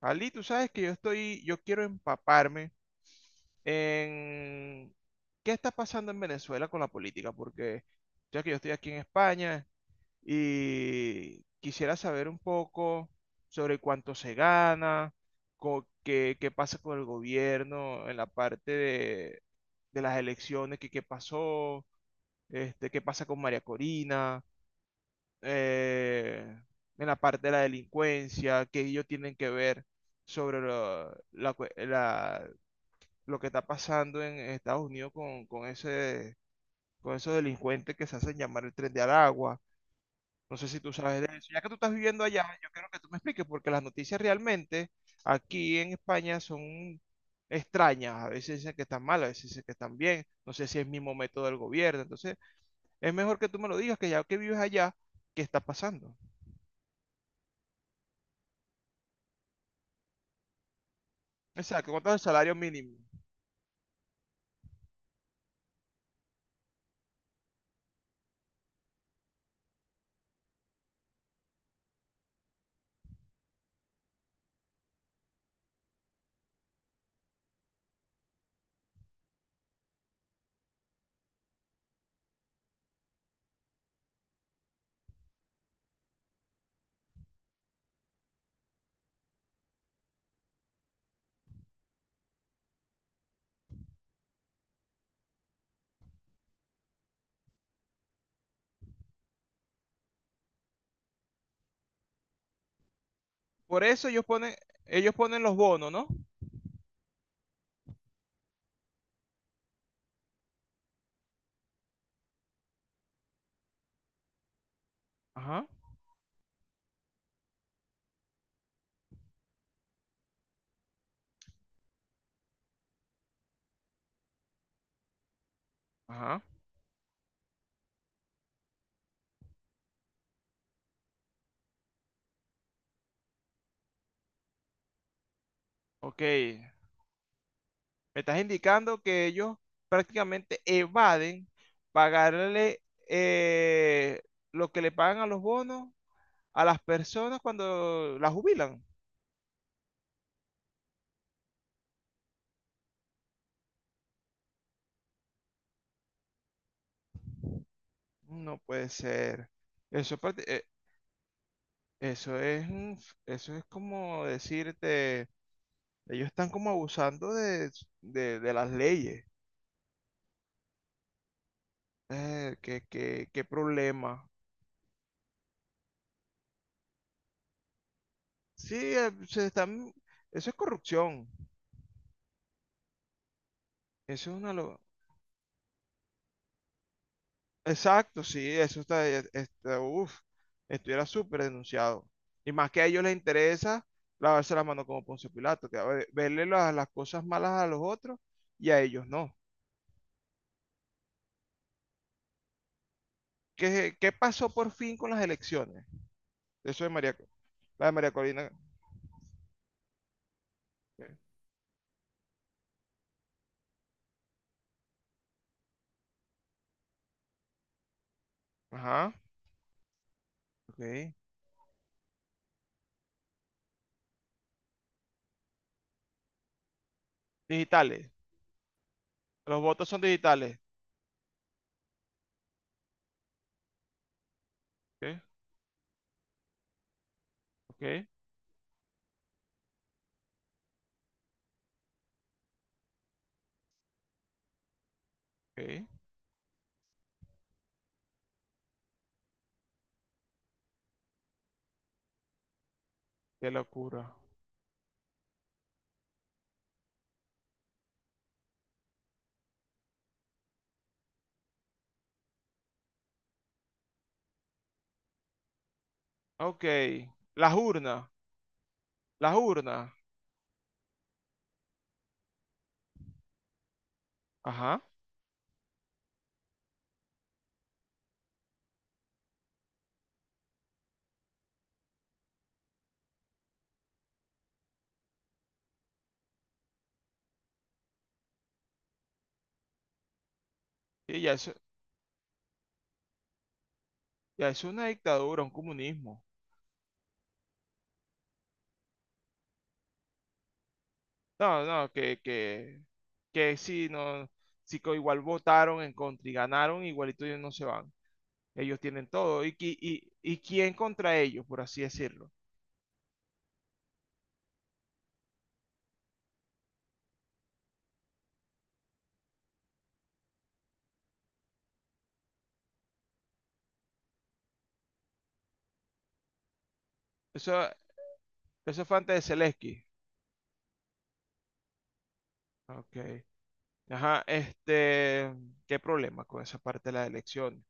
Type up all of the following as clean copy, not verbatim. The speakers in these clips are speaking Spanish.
Ali, tú sabes que yo estoy, yo quiero empaparme en qué está pasando en Venezuela con la política, porque ya que yo estoy aquí en España y quisiera saber un poco sobre cuánto se gana, qué, qué pasa con el gobierno en la parte de las elecciones, qué, qué pasó, qué pasa con María Corina, eh, en la parte de la delincuencia, que ellos tienen que ver sobre lo, la cue- la- lo que está pasando en Estados Unidos con ese, con esos delincuentes que se hacen llamar el Tren de Aragua. No sé si tú sabes de eso. Ya que tú estás viviendo allá, yo quiero que tú me expliques, porque las noticias realmente aquí en España son extrañas. A veces dicen que están mal, a veces dicen que están bien. No sé si es el mismo método del gobierno. Entonces, es mejor que tú me lo digas, que ya que vives allá, ¿qué está pasando? Exacto, ¿cuánto es el salario mínimo? Por eso ellos ponen los bonos, ¿no? Ajá, ajá. Ok. Me estás indicando que ellos prácticamente evaden pagarle eh, lo que le pagan a los bonos a las personas cuando las jubilan. No puede ser. Eso, es prácti- eh, eso es, eso es como decirte, ellos están como abusando de, de las leyes. Qué problema. Sí, eso es corrupción. Eso es una... Exacto, sí, eso está, está uff, estuviera súper denunciado. Y más que a ellos les interesa lavarse las manos como Poncio Pilato, que a ver, verle las cosas malas a los otros y a ellos no. ¿Qué, qué pasó por fin con las elecciones? Eso de la de María Corina. Ok. Ajá, ok. Digitales. Los votos son digitales. Ok, ok, ok. Qué locura. Ok. Las urnas, las urnas. Ajá. Y ya es una dictadura, un comunismo. No, no, que si no, si que igual votaron en contra y ganaron, igualito ellos no se van. Ellos tienen todo. ¿Y, y quién contra ellos, por así decirlo? Eso, eso fue antes de Zelensky. Ok. Ajá, ¿qué problema con esa parte de las elecciones?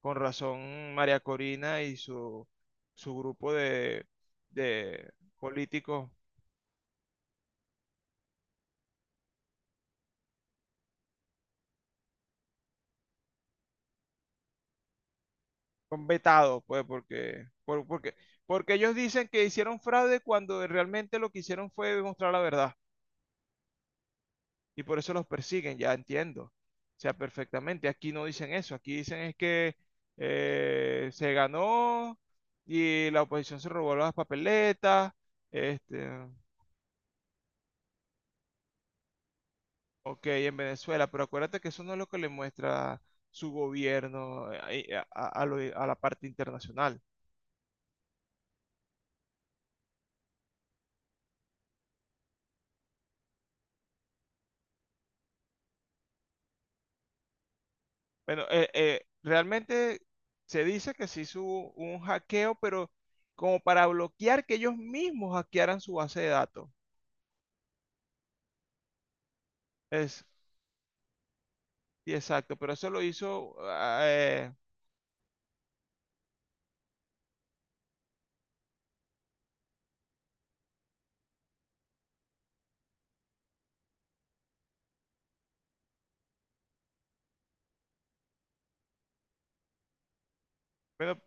Con razón, María Corina y su grupo de políticos son vetados, pues, porque, porque, porque ellos dicen que hicieron fraude cuando realmente lo que hicieron fue demostrar la verdad y por eso los persiguen, ya entiendo. O sea, perfectamente, aquí no dicen eso, aquí dicen es que se ganó y la oposición se robó las papeletas, este, ok, en Venezuela, pero acuérdate que eso no es lo que le muestra su gobierno a a a la parte internacional. Bueno, realmente se dice que se hizo un hackeo, pero como para bloquear que ellos mismos hackearan su base de datos. Es, sí, exacto, pero eso lo hizo. Bueno,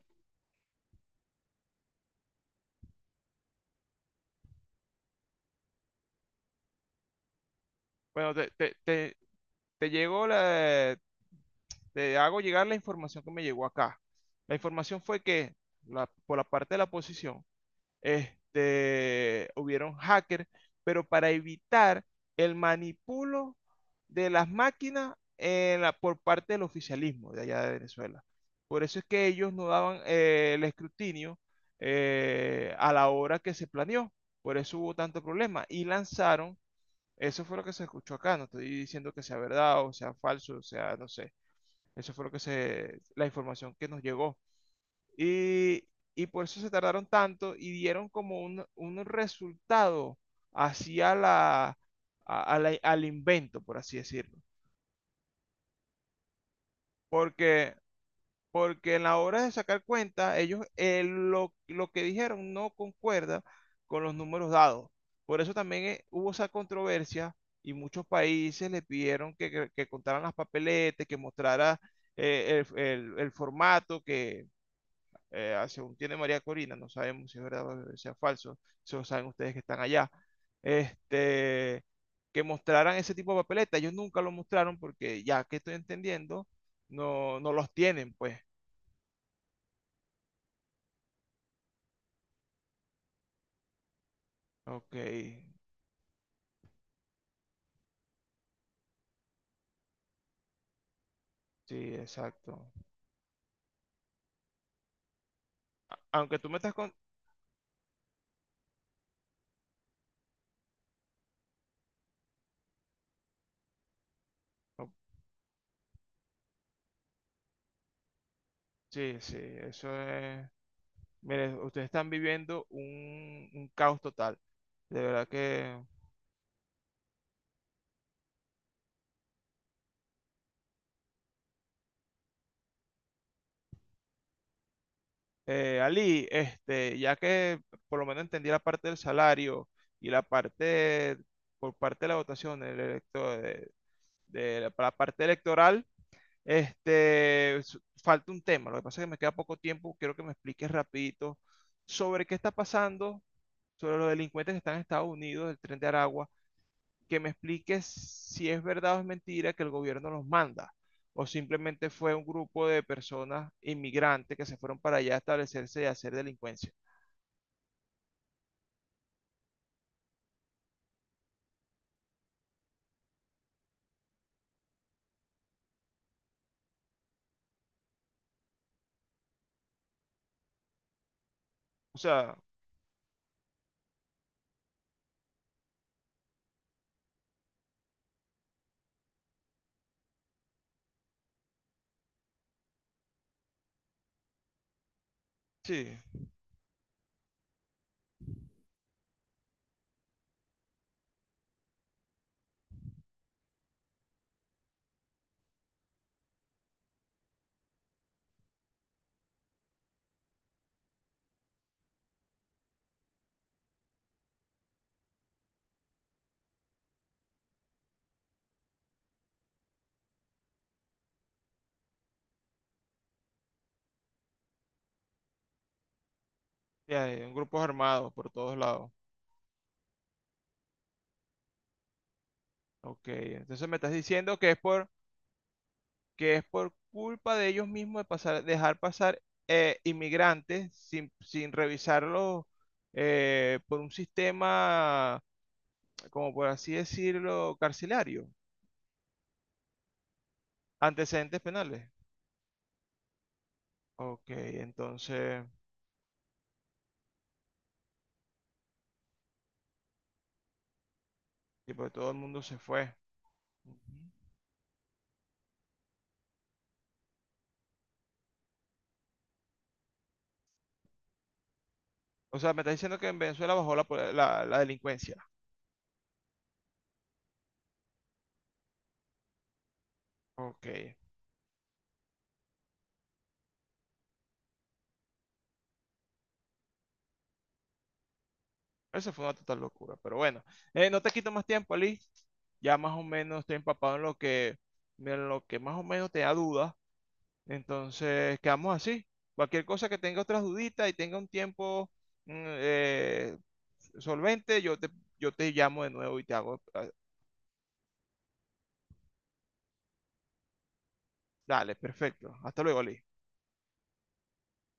bueno, te llegó la. Te hago llegar la información que me llegó acá. La información fue que, por la parte de la oposición, hubieron hackers, pero para evitar el manipulo de las máquinas en por parte del oficialismo de allá de Venezuela. Por eso es que ellos no daban el escrutinio a la hora que se planeó. Por eso hubo tanto problema. Y lanzaron, eso fue lo que se escuchó acá, no estoy diciendo que sea verdad o sea falso, o sea, no sé. Eso fue lo que se, la información que nos llegó. Y, y por eso se tardaron tanto y dieron como un resultado hacia la, al invento, por así decirlo. Porque, porque en la hora de sacar cuenta, ellos lo que dijeron no concuerda con los números dados. Por eso también hubo esa controversia y muchos países le pidieron que, que contaran las papeletas, que mostrara el, el formato, que según tiene María Corina, no sabemos si es verdad o sea falso, eso saben ustedes que están allá, este, que mostraran ese tipo de papeleta. Ellos nunca lo mostraron porque ya que estoy entendiendo, no, no los tienen, pues. Ok, sí, exacto. Aunque tú me estás con... o- Sí, sí, eso es... Mire, ustedes están viviendo un caos total. De verdad que eh, Ali, ya que por lo menos entendí la parte del salario y la parte por parte de la votación de la, para la parte electoral, falta un tema. Lo que pasa es que me queda poco tiempo. Quiero que me expliques rapidito sobre qué está pasando, sobre los delincuentes que están en Estados Unidos, del Tren de Aragua, que me expliques si es verdad o es mentira que el gobierno los manda, o simplemente fue un grupo de personas inmigrantes que se fueron para allá a establecerse y a hacer delincuencia. O sea, sí, sí hay grupos armados por todos lados. Ok, entonces me estás diciendo que es por culpa de ellos mismos de pasar, dejar pasar inmigrantes sin, sin revisarlos por un sistema, como por así decirlo, carcelario, antecedentes penales. Ok, entonces, tipo, todo el mundo se fue. Ujú. O sea, me estás diciendo que en Venezuela bajó la, la la delincuencia. Ok. Eso fue una total locura, pero bueno, no te quito más tiempo, Ali. Ya más o menos estoy empapado en lo que más o menos te da dudas. Entonces, quedamos así. Cualquier cosa que tenga otras duditas y tenga un tiempo mm, eh, solvente, yo te llamo de nuevo y te hago. Dale, perfecto. Hasta luego, Ali.